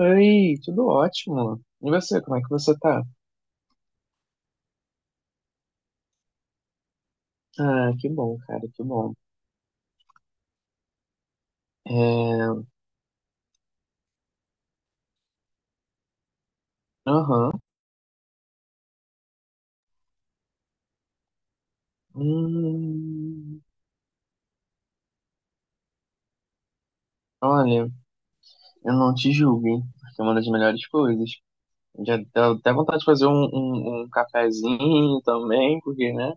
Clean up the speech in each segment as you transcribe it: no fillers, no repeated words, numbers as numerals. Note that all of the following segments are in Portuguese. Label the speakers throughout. Speaker 1: Oi, tudo ótimo. E você, como é que você tá? Ah, que bom, cara, que bom. É. Aham. Hum. Olha, eu não te julgo, hein, porque é uma das melhores coisas. Já dá até vontade de fazer um cafezinho também, porque, né?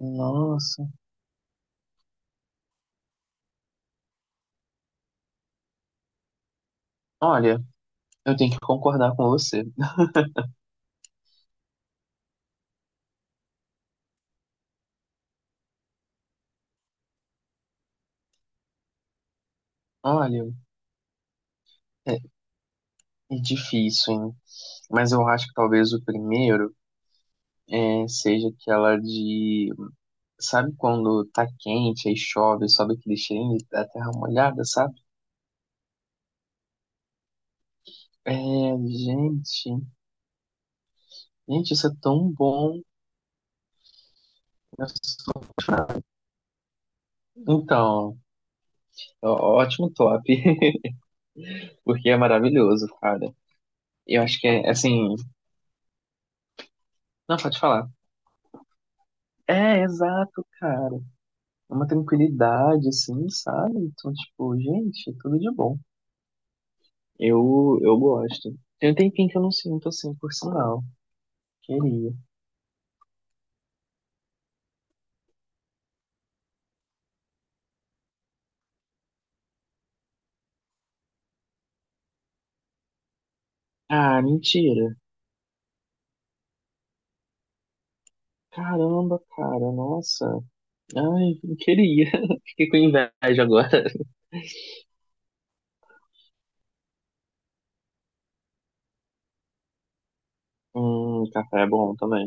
Speaker 1: Nossa. Olha, eu tenho que concordar com você. Olha, é, é difícil, hein? Mas eu acho que talvez o primeiro seja aquela de. Sabe quando tá quente, aí chove, sobe aquele cheirinho da terra molhada, sabe? É, gente, isso é tão bom. Eu sou apaixonado. Então, ótimo top, porque é maravilhoso, cara. Eu acho que é assim. Não, pode falar. É, exato, cara. É uma tranquilidade, assim, sabe? Então, tipo, gente, é tudo de bom. Eu gosto. Tem um tempinho que eu não sinto assim, por sinal. Queria. Ah, mentira. Caramba, cara, nossa. Ai, não queria. Fiquei com inveja agora. Café é bom também.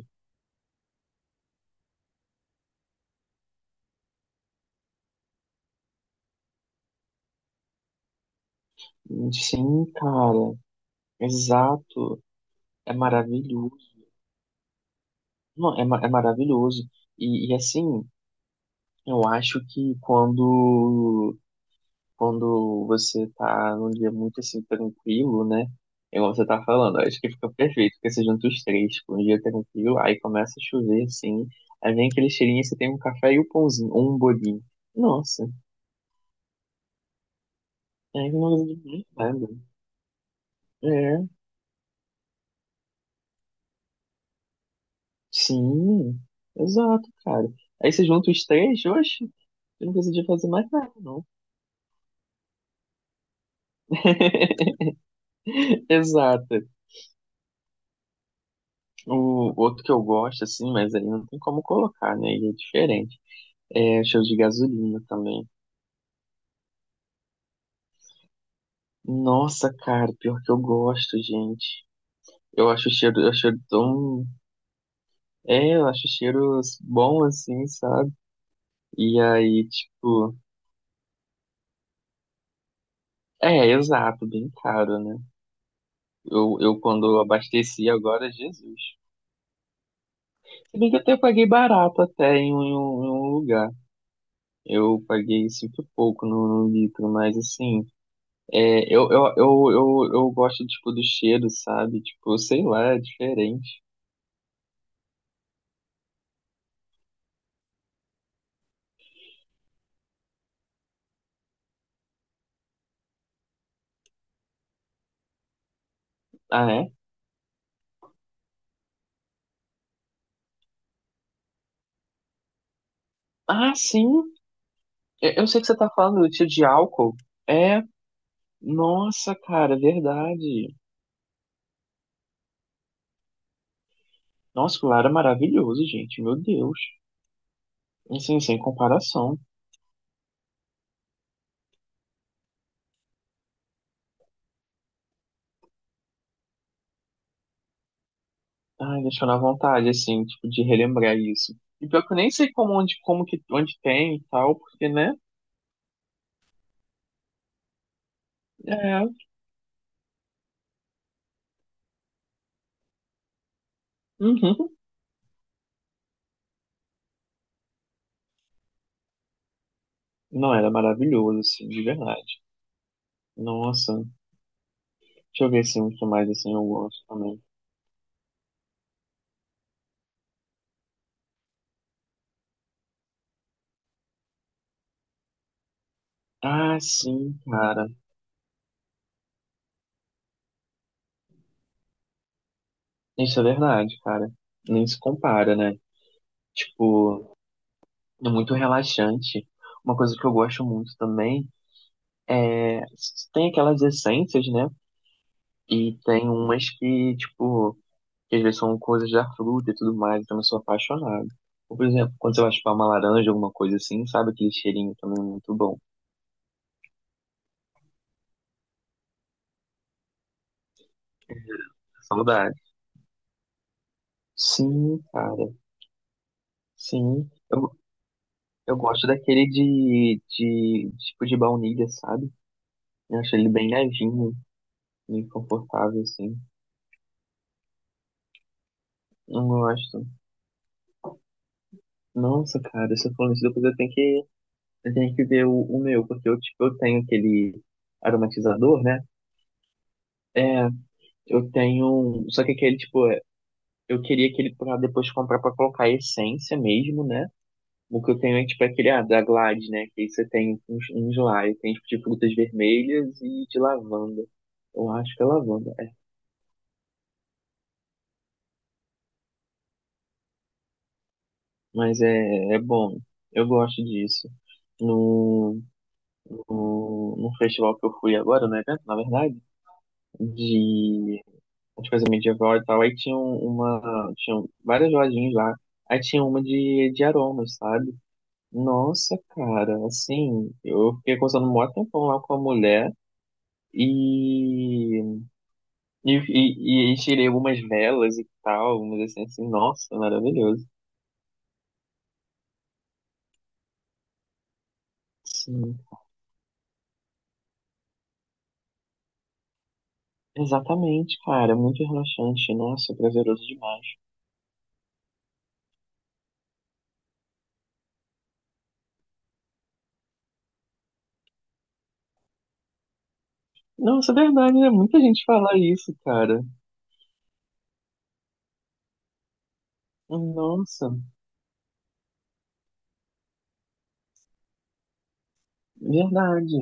Speaker 1: Sim, cara, exato. É maravilhoso. Não, é maravilhoso. E assim, eu acho que quando você tá num dia muito assim tranquilo, né? É igual você tá falando, eu acho que fica perfeito, porque você junta os três, tipo, um dia tranquilo, aí começa a chover, assim, aí vem aquele cheirinho, você tem um café e um pãozinho, ou um bolinho. Nossa. É ignorância de nada. É, sim, exato, cara. Aí você junta os três, oxe, eu não precisa fazer mais nada, não. Exato. O outro que eu gosto, assim, mas aí não tem como colocar, né? Ele é diferente. É cheiro de gasolina também. Nossa, cara, pior que eu gosto, gente. Eu acho o cheiro, eu acho cheiro tão. É, eu acho o cheiro bom, assim, sabe? E aí, tipo. É, exato, bem caro, né? Eu quando abasteci agora, Jesus. Se bem que até eu paguei barato até em um lugar. Eu paguei cinco e pouco no litro, mas assim, é, eu gosto, tipo, do cheiro, sabe? Tipo, sei lá, é diferente. Ah, é? Ah, sim! Eu sei que você tá falando do tio de álcool. É, nossa, cara, é verdade. Nossa, o lar é maravilhoso, gente. Meu Deus. Assim, sem comparação. Ai, deixou na vontade, assim, tipo, de relembrar isso. E pior que eu nem sei como, onde, como que, onde tem e tal, porque, né? É. Uhum. Não, era maravilhoso, assim, de verdade. Nossa. Deixa eu ver, assim, o que mais, assim, eu gosto também. Ah, sim, cara. Isso é verdade, cara. Nem se compara, né? Tipo, é muito relaxante. Uma coisa que eu gosto muito também é, tem aquelas essências, né? E tem umas que, tipo, que às vezes são coisas da fruta e tudo mais, então eu sou apaixonado. Ou, por exemplo, quando você vai chupar uma laranja, alguma coisa assim, sabe aquele cheirinho também muito bom. Saudade. Sim, cara, sim. Eu gosto daquele de tipo de baunilha, sabe? Eu acho ele bem levinho, bem confortável, assim. Não gosto. Nossa, cara, se eu for isso, depois eu tenho que ver o meu, porque eu, tipo, eu tenho aquele aromatizador, né? É, eu tenho. Só que aquele, tipo, eu queria aquele pra depois comprar pra colocar a essência mesmo, né? O que eu tenho é tipo aquele, ah, da Glade, né? Que aí você tem uns lá, e tem tipo de frutas vermelhas e de lavanda. Eu acho que é lavanda, é. Mas é bom. Eu gosto disso. No, no festival que eu fui agora, no evento, na verdade, de, de coisa medieval e tal, aí tinha uma, tinha várias lojinhas lá. Aí tinha uma de aromas, sabe? Nossa, cara, assim, eu fiquei conversando um maior tempão lá com a mulher e, e tirei algumas velas e tal, mas assim, assim, nossa, maravilhoso. Sim, exatamente, cara, muito relaxante, nossa, prazeroso demais. Nossa, é verdade, né? Muita gente fala isso, cara. Nossa, verdade.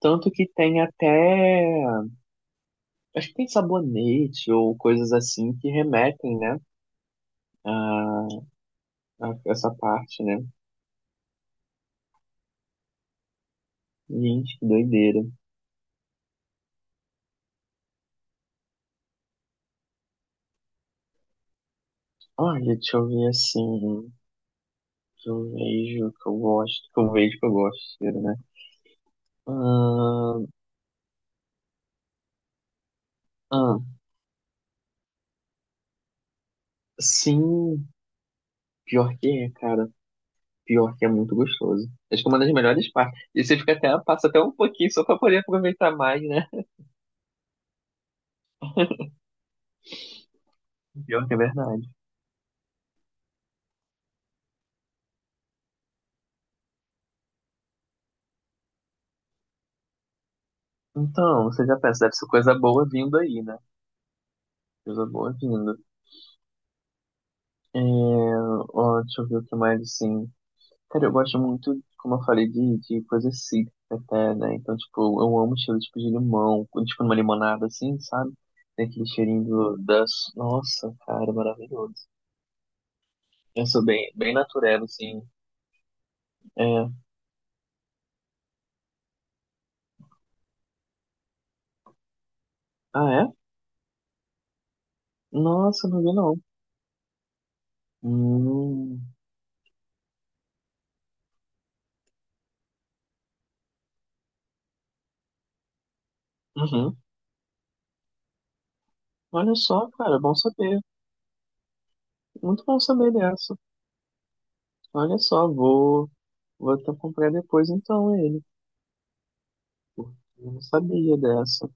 Speaker 1: Tanto que tem até, acho que tem sabonete ou coisas assim que remetem, né, a, a essa parte, né? Gente, que doideira. Olha, deixa eu ver assim. Que eu vejo, que eu gosto. Que eu vejo, que eu gosto, né? Ah, ah, sim. Pior que é, cara. Pior que é muito gostoso. Acho que é uma das melhores partes. E você fica até, passa até um pouquinho só pra poder aproveitar mais, né? Pior que é verdade. Então, você já pensa, deve ser coisa boa vindo aí, né? Coisa boa vindo. É, ó, deixa eu ver o que mais, assim. Cara, eu gosto muito, como eu falei, de coisa cítrica até, né? Então, tipo, eu amo cheiro tipo de limão, quando, tipo numa limonada assim, sabe? Tem aquele cheirinho do, das... Nossa, cara, maravilhoso. Eu sou bem, bem natureba, assim. É. Ah, é? Nossa, não vi não. Hum. Uhum. Olha só, cara, bom saber. Muito bom saber dessa. Olha só, vou até comprar depois então ele. Pô. Eu não sabia dessa.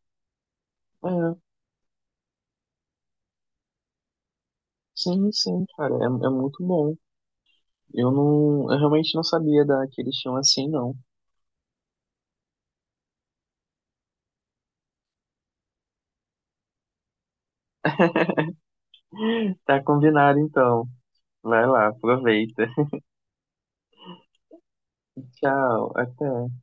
Speaker 1: É, sim, sim, cara, é muito bom. Eu não, eu realmente não sabia da que eles tinham assim, não. Tá combinado então. Vai lá, aproveita. Tchau, até.